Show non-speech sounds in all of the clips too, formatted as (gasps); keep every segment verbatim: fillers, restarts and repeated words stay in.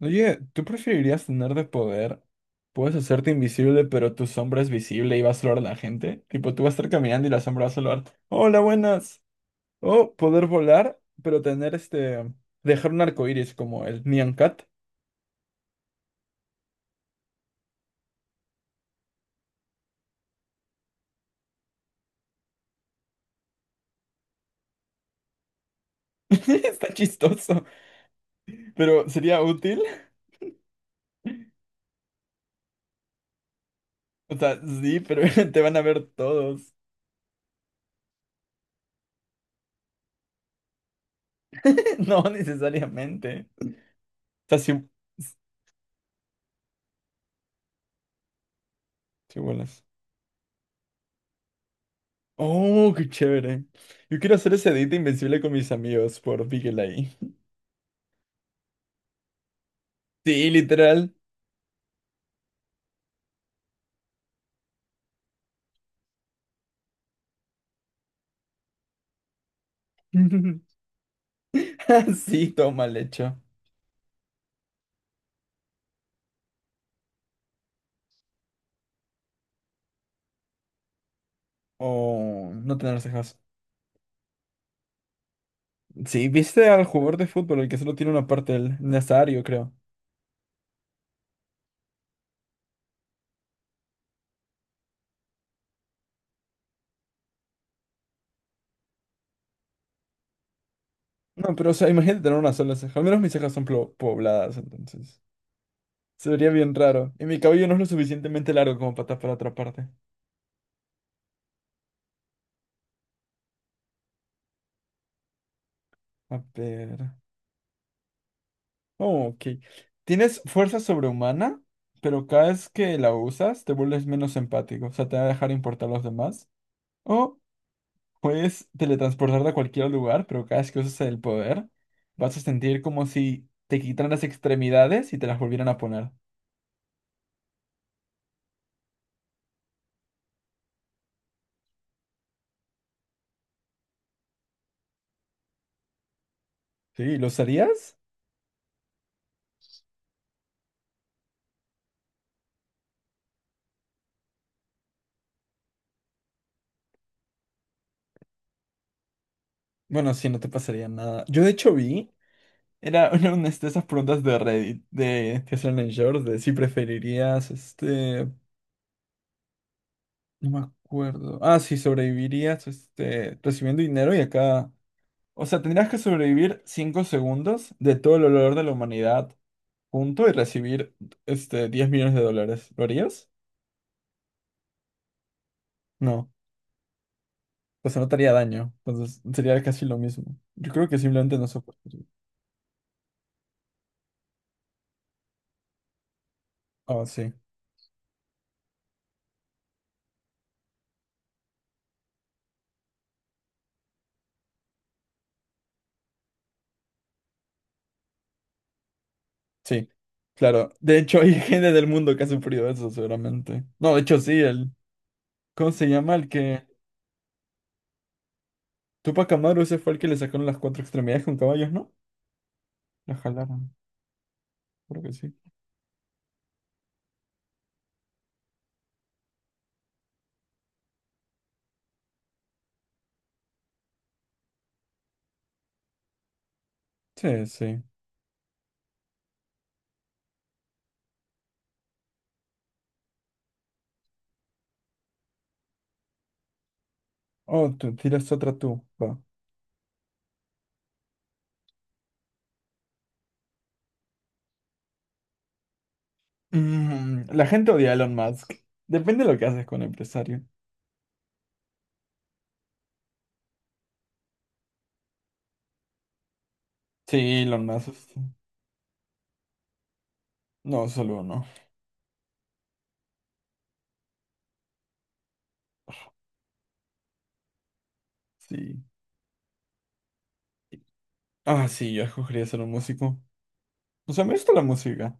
Oye, ¿tú preferirías tener de poder? Puedes hacerte invisible, pero tu sombra es visible y va a saludar a la gente. Tipo, tú vas a estar caminando y la sombra va a saludar. Hola, buenas. O poder volar, pero tener este. Dejar un arco iris como el Nyan Cat. (laughs) Está chistoso, pero sería útil. O sea, sí, pero (laughs) te van a ver todos. (laughs) No necesariamente. O sea, si, si vuelas. Oh, qué chévere. Yo quiero hacer ese edit invencible con mis amigos por Big L A. (laughs) Sí, literal. (laughs) Sí, toma mal. O no tener cejas. Sí, ¿viste al jugador de fútbol, el que solo tiene una parte del nasario, creo? No, pero o sea, imagínate tener una sola ceja. Al menos mis cejas son plo- pobladas, entonces. Se vería bien raro. Y mi cabello no es lo suficientemente largo como para tapar otra parte. A ver. Oh, ok. Tienes fuerza sobrehumana, pero cada vez que la usas te vuelves menos empático. O sea, te va a dejar importar a los demás. O puedes teletransportarte a cualquier lugar, pero cada vez que uses el poder, vas a sentir como si te quitaran las extremidades y te las volvieran a poner. Sí, ¿lo usarías? Bueno, sí, no te pasaría nada. Yo de hecho vi, era una, una de esas preguntas de Reddit, de que hacían en shorts, de si preferirías, este, no me acuerdo. Ah, sí, sobrevivirías, este, recibiendo dinero y acá. O sea, tendrías que sobrevivir cinco segundos de todo el olor de la humanidad. Punto y recibir este diez millones de dólares. ¿Lo harías? No, pues no te haría daño. Entonces sería casi lo mismo. Yo creo que simplemente no soportaría. Ah, sí. Sí. Claro. De hecho, hay (laughs) gente del mundo que ha sufrido eso, seguramente. No, de hecho, sí, el. ¿Cómo se llama? El que. Tupac Amaru, ese fue el que le sacaron las cuatro extremidades con caballos, ¿no? La jalaron. Creo que sí. Sí, sí. Oh, tú tiras otra tú. Va. Mm, la gente odia a Elon Musk. Depende de lo que haces con empresario. Sí, Elon Musk. Sí. No, solo no. Sí. Ah, sí, yo escogería ser un músico. O sea, me gusta la música.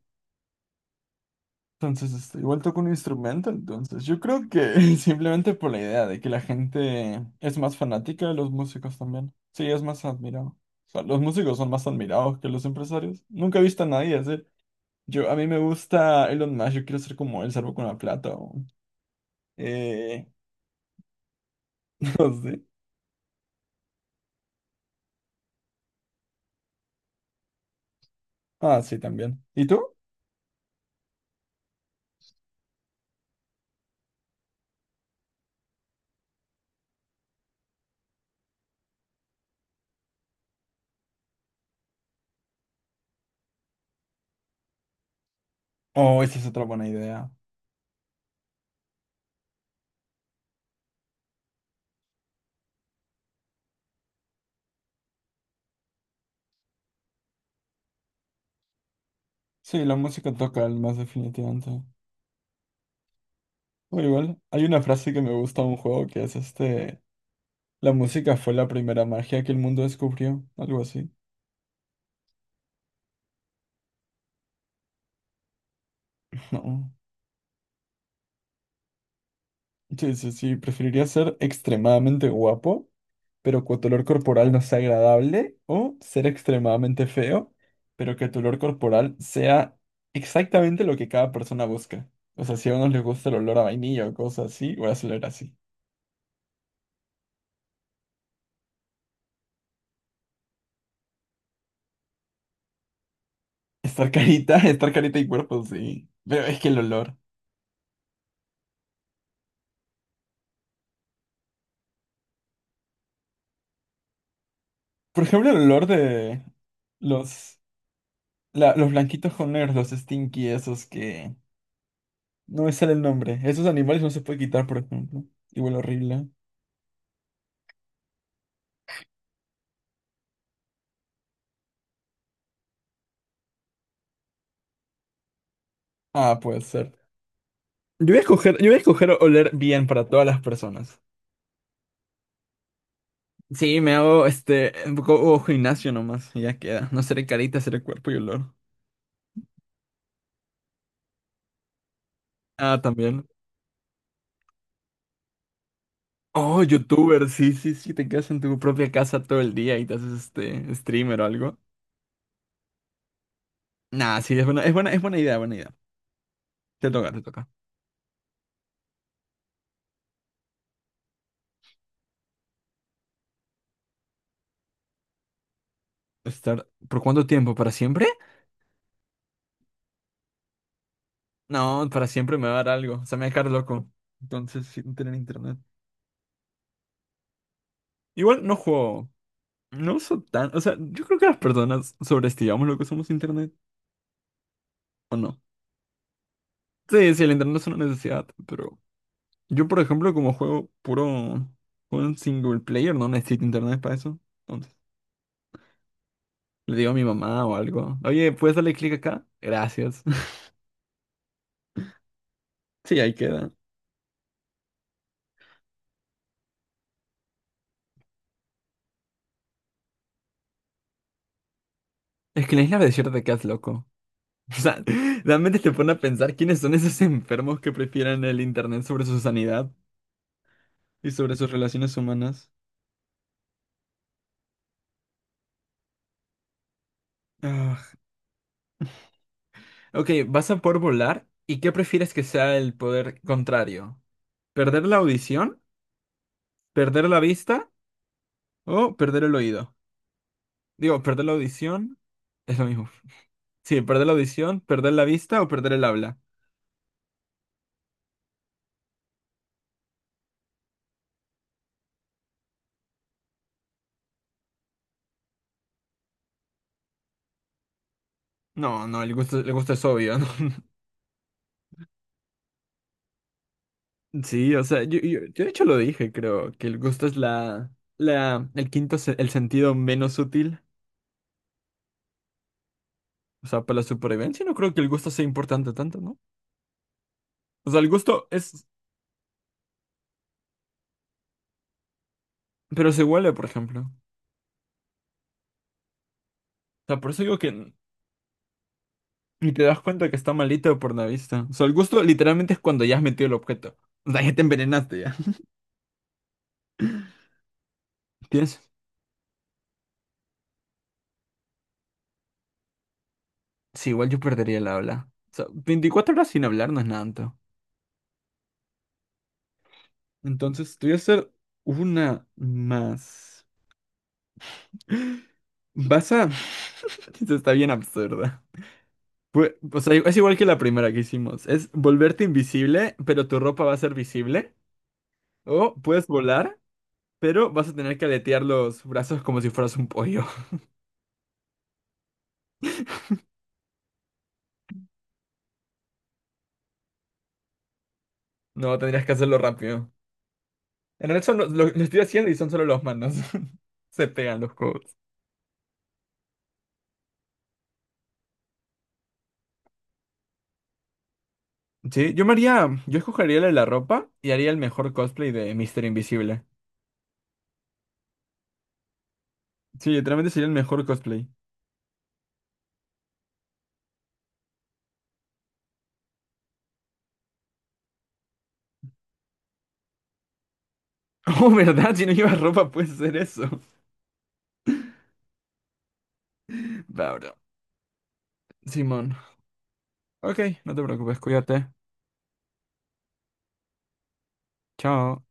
Entonces, este, igual toco un instrumento, entonces yo creo que (laughs) simplemente por la idea de que la gente es más fanática de los músicos también. Sí, es más admirado. O sea, los músicos son más admirados que los empresarios. Nunca he visto a nadie decir, yo, a mí me gusta Elon Musk, yo quiero ser como él, salvo con la plata o. Eh, (laughs) no sé. Ah, sí, también. ¿Y tú? Oh, esa es otra buena idea. Sí, la música toca el más definitivamente. Muy bueno. Hay una frase que me gusta de un juego que es este, la música fue la primera magia que el mundo descubrió, algo así. (laughs) No. Sí, sí, sí, preferiría ser extremadamente guapo, pero que tu olor corporal no sea agradable, o ser extremadamente feo, pero que tu olor corporal sea exactamente lo que cada persona busca. O sea, si a unos les gusta el olor a vainilla o cosas así, voy a hacer así. Estar carita, (laughs) estar carita y cuerpo, sí. Pero es que el olor. Por ejemplo, el olor de los. La- los blanquitos con negros, los stinky, esos que. No me sale el nombre. Esos animales no se puede quitar, por ejemplo. Y huele horrible. Ah, puede ser. Yo voy a escoger, yo voy a escoger oler bien para todas las personas. Sí, me hago este un poco oh, gimnasio nomás. Y ya queda. No seré carita, seré cuerpo y olor. Ah, también. Oh, youtuber, sí, sí, sí, te quedas en tu propia casa todo el día y te haces este streamer o algo. Nah, sí, es buena, es buena, es buena idea, buena idea. Te toca, te toca. Estar, ¿por cuánto tiempo? ¿Para siempre? No, para siempre me va a dar algo. O sea, me va a dejar loco. Entonces, sin tener internet. Igual no juego. No uso tan. O sea, yo creo que las personas sobreestimamos lo que somos internet. ¿O no? Sí, sí, el internet es una necesidad. Pero yo, por ejemplo, como juego puro. Un single player, no necesito internet para eso. Entonces, le digo a mi mamá o algo. Oye, ¿puedes darle clic acá? Gracias. (laughs) Sí, ahí queda. Es que en la isla desierta te quedas loco. (laughs) O sea, realmente te pone a pensar quiénes son esos enfermos que prefieren el internet sobre su sanidad. Y sobre sus relaciones humanas. Ah, ok, vas a poder volar. ¿Y qué prefieres que sea el poder contrario? ¿Perder la audición? ¿Perder la vista? ¿O perder el oído? Digo, perder la audición es lo mismo. Sí, perder la audición, perder la vista o perder el habla. No, no, el gusto, el gusto es obvio, ¿no? (laughs) Sí, o sea, yo, yo, yo de hecho lo dije, creo, que el gusto es la, la, el quinto, se- el sentido menos útil. O sea, para la supervivencia no creo que el gusto sea importante tanto, ¿no? O sea, el gusto es. Pero se huele, por ejemplo. O sea, por eso digo que ni te das cuenta que está malito por la vista. O sea, el gusto literalmente es cuando ya has metido el objeto. O sea, ya te envenenaste ya. (laughs) ¿Tienes? Sí, igual yo perdería el habla. O sea, veinticuatro horas sin hablar no es nada tanto. Entonces, te voy a hacer una más. (gasps) Vas a. (laughs) Esto está bien absurda. Pues, o sea, es igual que la primera que hicimos. Es volverte invisible, pero tu ropa va a ser visible. O puedes volar, pero vas a tener que aletear los brazos como si fueras un pollo. No, tendrías que hacerlo rápido. En realidad son lo, lo- lo estoy haciendo y son solo los manos. (laughs) Se pegan los codos. Sí, yo me haría, yo escogería el de la ropa y haría el mejor cosplay de Mister Invisible. Sí, literalmente sería el mejor cosplay. (laughs) Oh, ¿verdad? Si no llevas ropa puedes hacer eso. Va, bro. Simón. Ok, no te preocupes, cuídate. Chao.